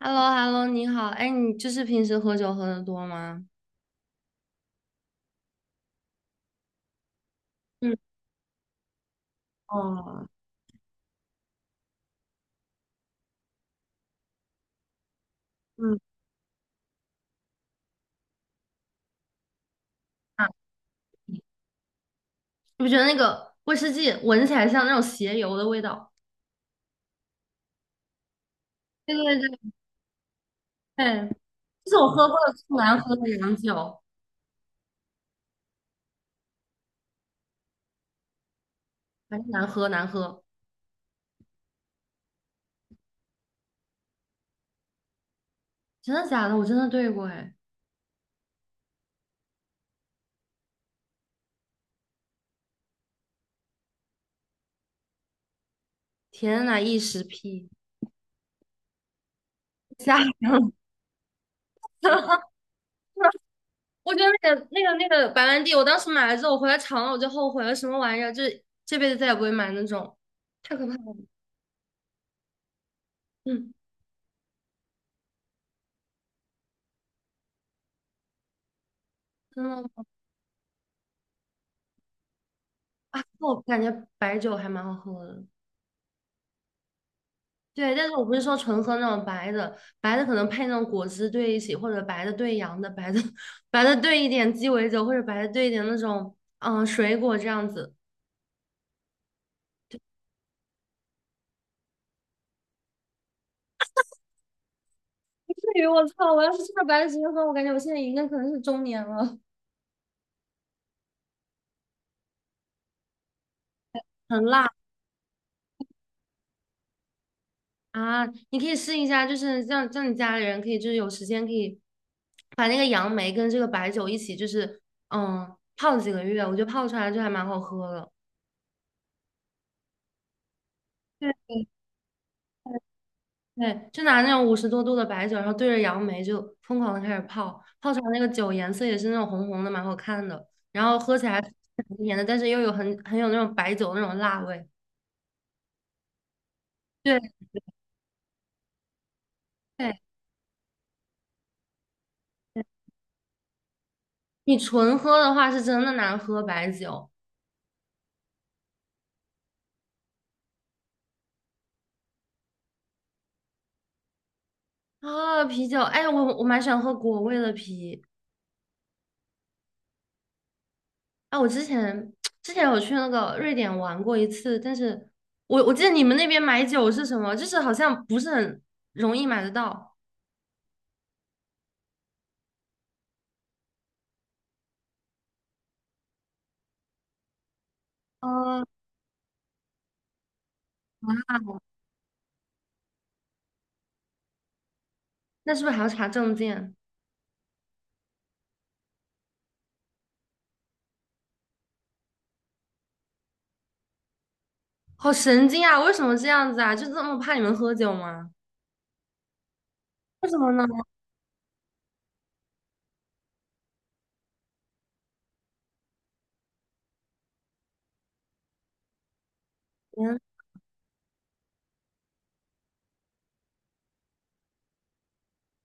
h e l l o h e l l o 你好，哎，你就是平时喝酒喝的多吗？嗯哦，嗯啊，你不觉得那个威士忌闻起来像那种鞋油的味道？对对对对，这是我喝过的最难喝的洋酒，反正难喝难喝，真的假的？我真的兑过，哎，天呐，一时屁，吓人了！我觉得那个白兰地，我当时买了之后，我回来尝了，我就后悔了，什么玩意儿？就是这辈子再也不会买那种，太可怕了。嗯，真的，啊，我感觉白酒还蛮好喝的。对，但是我不是说纯喝那种白的，白的可能配那种果汁兑一起，或者白的兑洋的，白的 白的兑一点鸡尾酒，或者白的兑一点那种水果这样子，不至于，我操！我要是吃了白的直接喝，我感觉我现在已经可能是中年了。很辣啊！你可以试一下，就是让你家里人可以就是有时间可以把那个杨梅跟这个白酒一起就是泡几个月，我觉得泡出来就还蛮好喝的。对，就拿那种50多度的白酒，然后对着杨梅就疯狂的开始泡，泡出来那个酒颜色也是那种红红的，蛮好看的，然后喝起来甜甜的，但是又有很有那种白酒那种辣味。对对，你纯喝的话是真的难喝白酒啊，啤酒，哎，我蛮喜欢喝果味的啤，啊，我之前有去那个瑞典玩过一次，但是我记得你们那边买酒是什么，就是好像不是很容易买得到，哦，那是不是还要查证件？好神经啊！为什么这样子啊？就这么怕你们喝酒吗？为什么呢？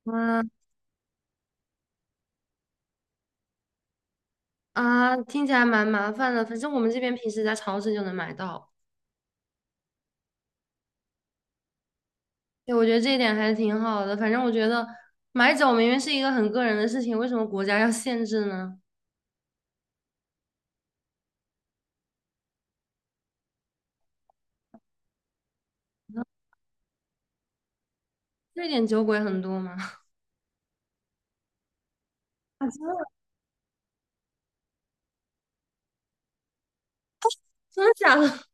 嗯啊啊，听起来蛮麻烦的。反正我们这边平时在超市就能买到。对，我觉得这一点还是挺好的。反正我觉得买酒明明是一个很个人的事情，为什么国家要限制呢？瑞点酒鬼很多吗？啊，真的，真的假的？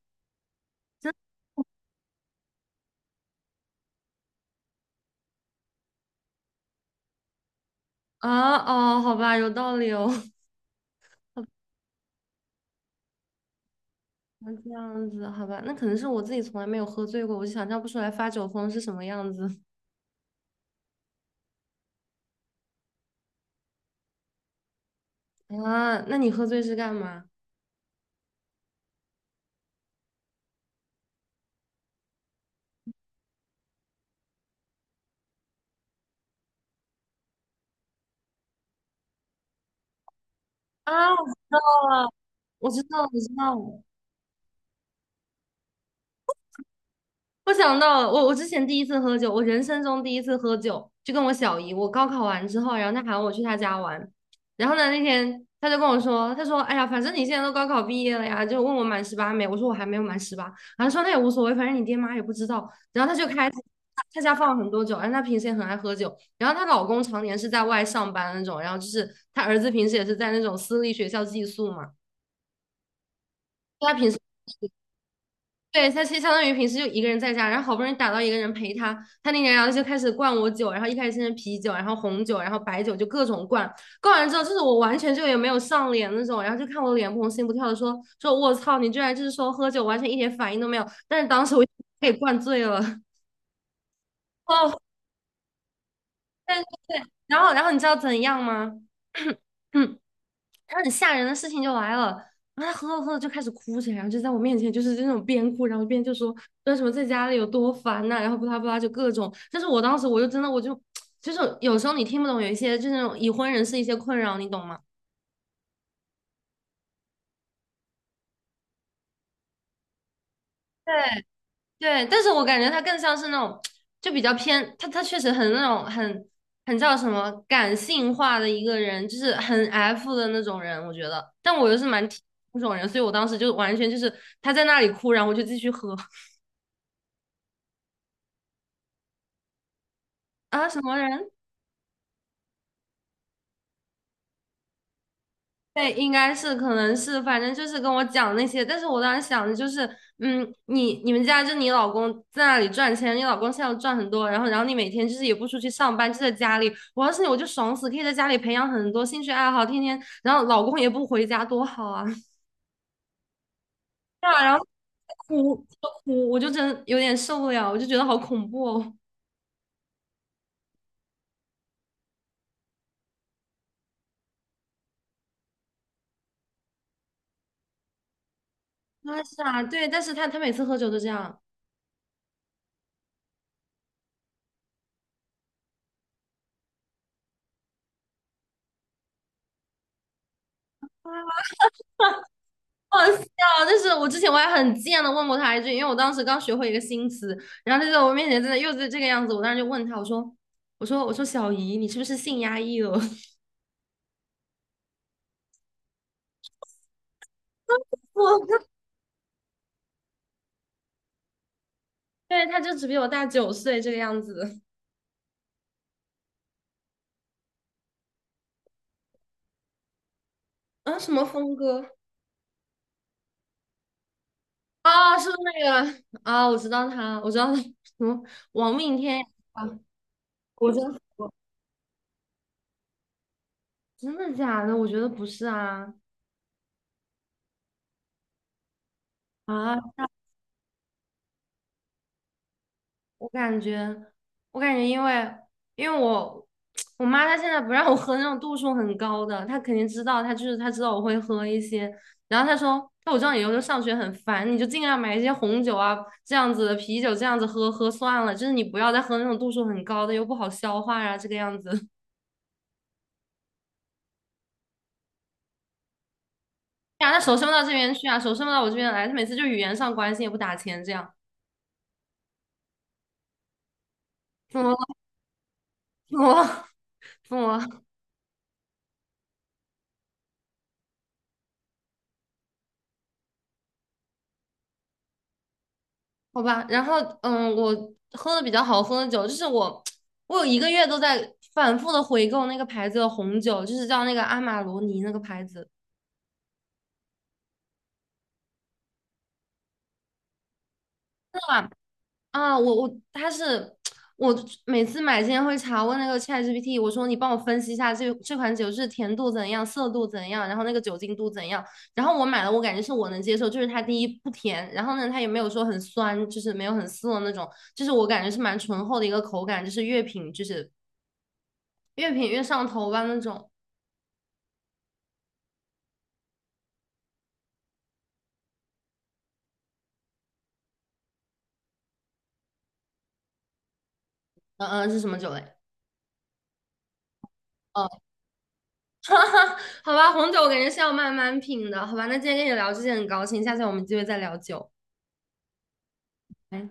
啊哦，好吧，有道理哦。那这样子，好吧，那可能是我自己从来没有喝醉过，我就想象不出来发酒疯是什么样子。 啊。那你喝醉是干嘛？啊，我知道，我知道，我想到了我之前第一次喝酒，我人生中第一次喝酒，就跟我小姨，我高考完之后，然后她喊我去她家玩，然后呢那天她就跟我说，她说，哎呀，反正你现在都高考毕业了呀，就问我满十八没，我说我还没有满十八，然后说那也无所谓，反正你爹妈也不知道，然后她就开始，她家放了很多酒，然后她平时也很爱喝酒，然后她老公常年是在外上班那种，然后就是她儿子平时也是在那种私立学校寄宿嘛。她平时对，他其实相当于平时就一个人在家，然后好不容易打到一个人陪他，他那年然后就开始灌我酒，然后一开始先是啤酒，然后红酒，然后白酒，就各种灌。灌完之后，就是我完全就也没有上脸那种，然后就看我脸不红心不跳的说，我操，你居然就是说喝酒完全一点反应都没有，但是当时我给灌醉了。 哦，但然后你知道怎样吗？然后很吓人的事情就来了，然后他喝着喝着就开始哭起来，然后就在我面前就是那种边哭，然后边就说那什么在家里有多烦呐、然后不拉不拉就各种。但是我当时我就真的我就 就是有时候你听不懂有一些就是那种已婚人士一些困扰，你懂吗？对对，但是我感觉他更像是那种就比较偏，他确实很那种很叫什么感性化的一个人，就是很 F 的那种人，我觉得。但我又是蛮 T 那种人，所以我当时就完全就是他在那里哭，然后我就继续喝。啊，什么人？对，应该是，可能是，反正就是跟我讲那些。但是我当时想的就是，嗯，你们家就你老公在那里赚钱，你老公现在赚很多，然后你每天就是也不出去上班，就在家里。我要是你，我就爽死，可以在家里培养很多兴趣爱好，天天，然后老公也不回家，多好啊！对啊，然后哭就哭，我就真有点受不了，我就觉得好恐怖哦。啊，是啊，对，但是他每次喝酒都这样。好笑，就是我之前我还很贱的问过他一句，因为我当时刚学会一个新词，然后他就在我面前真的又是这个样子，我当时就问他，我说小姨，你是不是性压抑了？我，对，他就只比我大9岁这个样子。啊，什么峰哥？啊，是不是那个啊？我知道他，我知道他，什么王命天涯啊？我真服，真的假的？我觉得不是啊啊！我感觉，我感觉，因为我 我妈她现在不让我喝那种度数很高的，她肯定知道，她就是她知道我会喝一些，然后她说，那我知道你以后上学很烦，你就尽量买一些红酒啊这样子的啤酒这样子喝喝算了，就是你不要再喝那种度数很高的，又不好消化啊这个样子。呀，那手伸不到这边去啊，手伸不到我这边来，她每次就语言上关心也不打钱这样，怎么，疯魔疯魔。好吧，然后嗯，我喝的比较好喝的酒，就是我有1个月都在反复的回购那个牌子的红酒，就是叫那个阿玛罗尼那个牌子，真的吧？啊，我它是我每次买之前会查问那个 ChatGPT，我说你帮我分析一下这款酒是甜度怎样、涩度怎样，然后那个酒精度怎样，然后我买了，我感觉是我能接受，就是它第一不甜，然后呢它也没有说很酸，就是没有很涩那种，就是我感觉是蛮醇厚的一个口感，就是乐品就是越品越上头吧那种。嗯嗯，是什么酒类？哦，哈哈，好吧，红酒我感觉是要慢慢品的，好吧？那今天跟你聊这些很高兴，下次我们有机会再聊酒。拜。